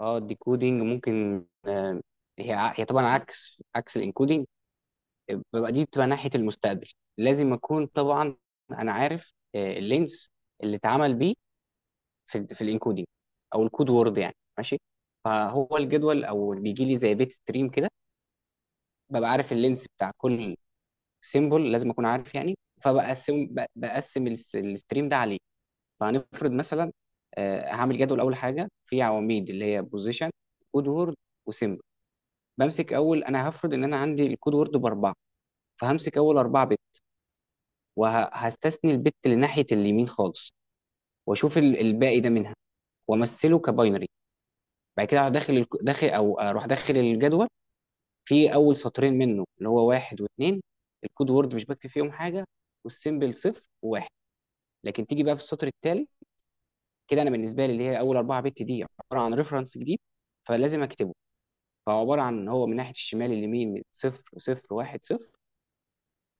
اه، الديكودينج ممكن، هي طبعا عكس الانكودينج. ببقى دي بتبقى ناحيه المستقبل، لازم اكون طبعا انا عارف اللينس اللي اتعمل بيه في الانكودينج او الكود وورد، يعني ماشي. فهو الجدول او بيجي لي زي بيت ستريم كده، ببقى عارف اللينس بتاع كل سيمبل، لازم اكون عارف يعني. فبقسم ب- بقسم الستريم ده عليه. فهنفرض مثلا هعمل جدول، اول حاجه في عواميد اللي هي بوزيشن، كود وورد، وسيمبل. بمسك اول، انا هفرض ان انا عندي الكود وورد باربعه، فهمسك اول اربعه بت وهستثني البت لناحيه اليمين خالص، واشوف الباقي ده منها وامثله كباينري. بعد كده اروح داخل الك- داخل او اروح داخل الجدول. في اول سطرين منه اللي هو واحد واثنين، الكود وورد مش بكتب فيهم حاجه، والسيمبل صفر وواحد. لكن تيجي بقى في السطر التالي كده، انا بالنسبه لي اللي هي اول اربعه بت دي عباره عن ريفرنس جديد فلازم اكتبه. فهو عباره عن هو من ناحيه الشمال اليمين صفر صفر واحد صفر.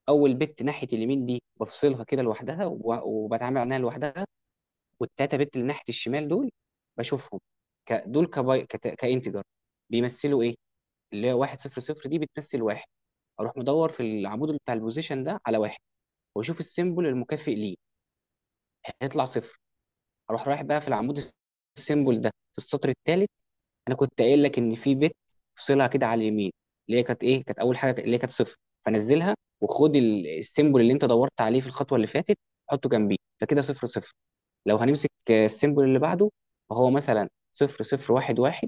اول بت ناحيه اليمين دي بفصلها كده لوحدها وبتعامل عنها لوحدها. والتلاته بت اللي ناحيه الشمال دول بشوفهم دول كانتجر، بيمثلوا ايه؟ اللي هي واحد صفر صفر دي بتمثل واحد. اروح مدور في العمود اللي بتاع البوزيشن ده على واحد واشوف السيمبل المكافئ ليه، هيطلع صفر. اروح رايح بقى في العمود السيمبل ده في السطر الثالث. انا كنت قايل لك ان في بيت فصلها كده على اليمين، اللي هي كانت ايه، كانت اول حاجه اللي هي كانت صفر، فنزلها. وخد السيمبل اللي انت دورت عليه في الخطوه اللي فاتت حطه جنبيه، فكده صفر صفر. لو هنمسك السيمبل اللي بعده، فهو مثلا صفر صفر واحد واحد.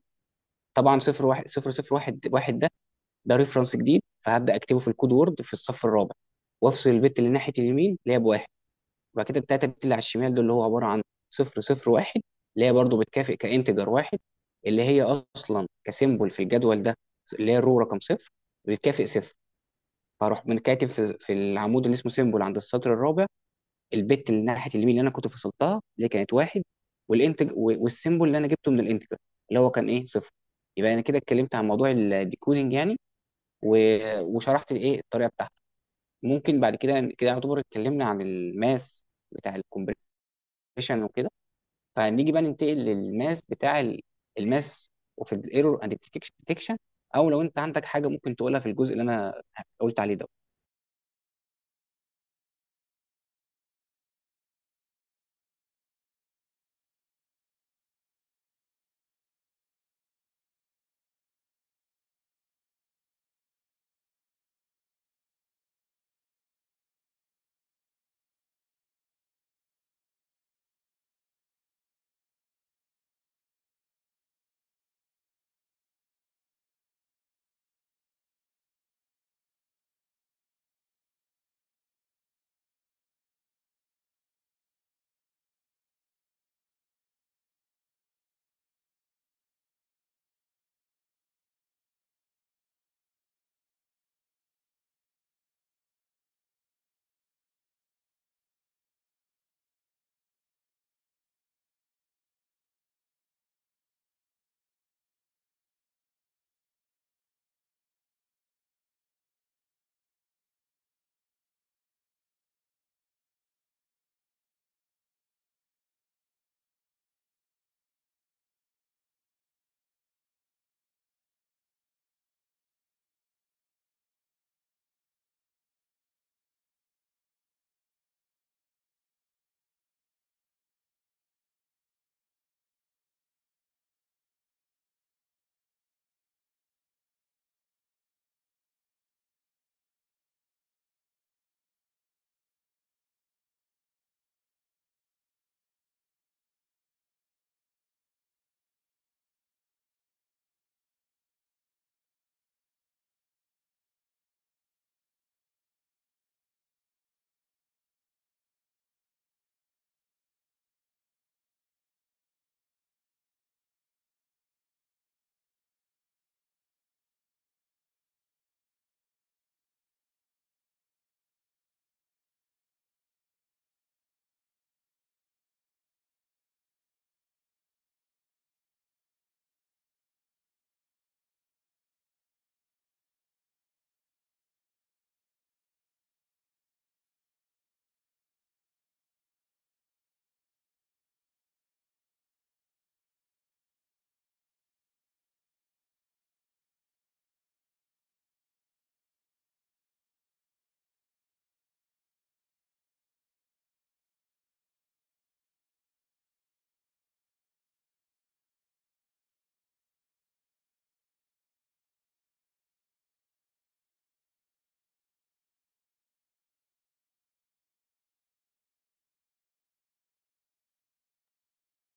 طبعا صفر واحد صفر صفر واحد واحد ده ريفرنس جديد فهبدا اكتبه في الكود وورد في الصف الرابع، وافصل البت اللي ناحيه اليمين اللي هي بواحد. وبعد كده التلاته البت اللي على الشمال دول اللي هو عباره عن صفر صفر واحد، اللي هي برضو بتكافئ كانتجر واحد، اللي هي اصلا كسيمبل في الجدول ده اللي هي الرو رقم صفر بتكافئ صفر. فاروح من كاتب في العمود اللي اسمه سيمبل عند السطر الرابع، البت اللي ناحيه اليمين اللي انا كنت فصلتها اللي كانت واحد، والانتج والسيمبل اللي انا جبته من الانتجر اللي هو كان ايه، صفر. يبقى انا كده اتكلمت عن موضوع الديكودنج يعني وشرحت الايه الطريقه بتاعته. ممكن بعد كده كده يعتبر اتكلمنا عن الماس بتاع الكومبريشن وكده، فنيجي بقى ننتقل للماس بتاع الماس وفي الايرور اند ديتكشن. او لو انت عندك حاجه ممكن تقولها في الجزء اللي انا قلت عليه ده.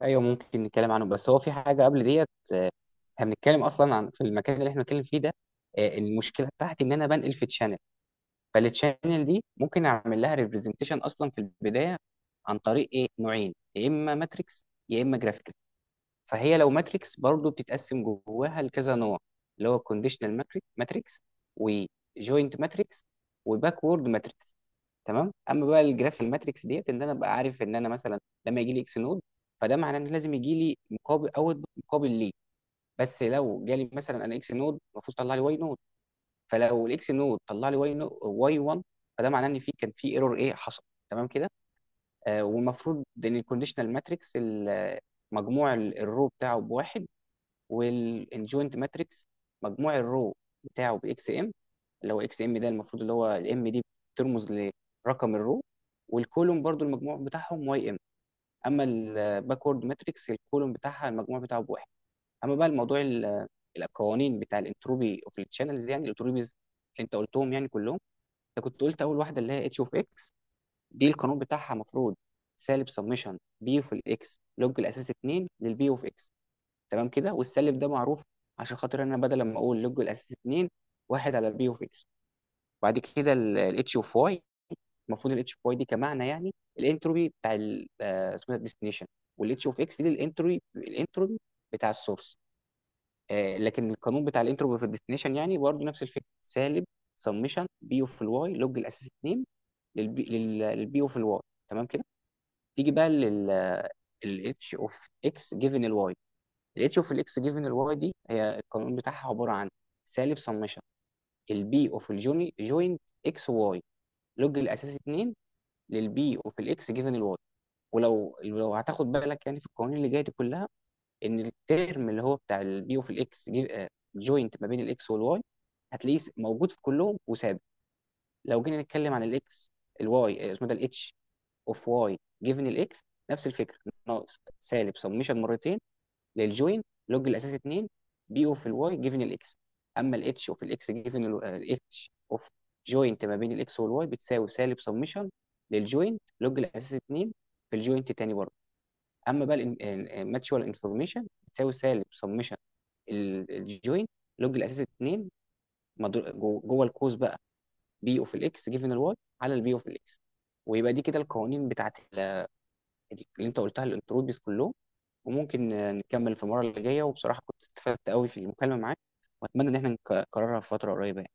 ايوه ممكن نتكلم عنه، بس هو في حاجه قبل ديت. احنا بنتكلم اصلا عن في المكان اللي احنا بنتكلم فيه ده، المشكله بتاعتي ان انا بنقل في تشانل، فالتشانل دي ممكن اعمل لها ريبريزنتيشن اصلا في البدايه عن طريق ايه، نوعين، يا اما ماتريكس يا اما جرافيك. فهي لو ماتريكس برضو بتتقسم جواها لكذا نوع، اللي هو كونديشنال ماتريكس، وجوينت ماتريكس، وباكورد ماتريكس. تمام. اما بقى الجراف الماتريكس ديت، ان انا ابقى عارف ان انا مثلا لما يجي لي اكس نود فده معناه ان لازم يجي لي مقابل اوت مقابل ليه. بس لو جالي مثلا انا اكس نود المفروض طلع لي واي نود، فلو الاكس نود طلع لي واي نود واي 1 فده معناه ان في كان في ايرور ايه حصل. تمام كده. والمفروض ان الكونديشنال ماتريكس مجموع الرو بتاعه بواحد، والجوينت ماتريكس مجموع الرو بتاعه باكس ام، اللي هو اكس ام ده المفروض اللي هو الام دي بترمز لرقم الرو، والكولوم برضو المجموع بتاعهم واي ام. اما الباكورد ماتريكس الكولوم بتاعها المجموع بتاعه بواحد. اما بقى الموضوع القوانين بتاع الانتروبي اوف التشانلز، يعني الانتروبيز اللي انت قلتهم يعني كلهم. انت كنت قلت اول واحده اللي هي اتش اوف اكس، دي القانون بتاعها المفروض سالب سمشن بي اوف الاكس لوج الاساس 2 للبي اوف اكس. تمام كده. والسالب ده معروف عشان خاطر انا بدل ما اقول لوج الاساس 2 واحد على بي اوف اس. وبعد كده الاتش اوف واي، المفروض الاتش اوف واي دي كمعنى يعني الانتروبي بتاع اسمه الديستنيشن، والاتش اوف اكس دي الانتروبي بتاع السورس. لكن القانون بتاع الانتروبي في الديستنيشن يعني برضه نفس الفكره، سالب سمشن بي اوف الواي لوج الاساس 2 للبي اوف الواي. تمام كده. تيجي بقى الاتش اوف اكس جيفن الواي. الاتش اوف الاكس جيفن الواي دي هي القانون بتاعها عباره عن سالب سمشن البي اوف الجوني جوينت اكس واي لوج الاساسي 2 للبي اوف الاكس جيفن الواي. ولو لو هتاخد بالك يعني في القوانين اللي جايه دي كلها ان الترم اللي هو بتاع البي اوف الاكس جوينت ما بين الاكس والواي هتلاقيه موجود في كلهم وثابت. لو جينا نتكلم عن الاكس الواي اسمه ده الاتش اوف واي جيفن الاكس، نفس الفكره، ناقص سالب سمشن مرتين للجوين لوج الاساس 2 بي اوف الواي جيفن الاكس. اما الاتش اوف الاكس جيفن الاتش اوف جوينت ما بين الاكس والواي بتساوي سالب سمشن للجوينت لوج الاساس 2 في الجوينت تاني برضه. اما بقى الماتشوال انفورميشن بتساوي سالب سمشن الجوينت لوج الاساس 2، جوه القوس بقى بي اوف الاكس جيفن الواي على البي اوف الاكس. ويبقى دي كده القوانين بتاعت اللي انت قلتها الانتروبيز كلهم. وممكن نكمل في المرة اللي جاية، وبصراحة كنت استفدت قوي في المكالمة معاك، وأتمنى إن احنا نكررها في فترة قريبة يعني.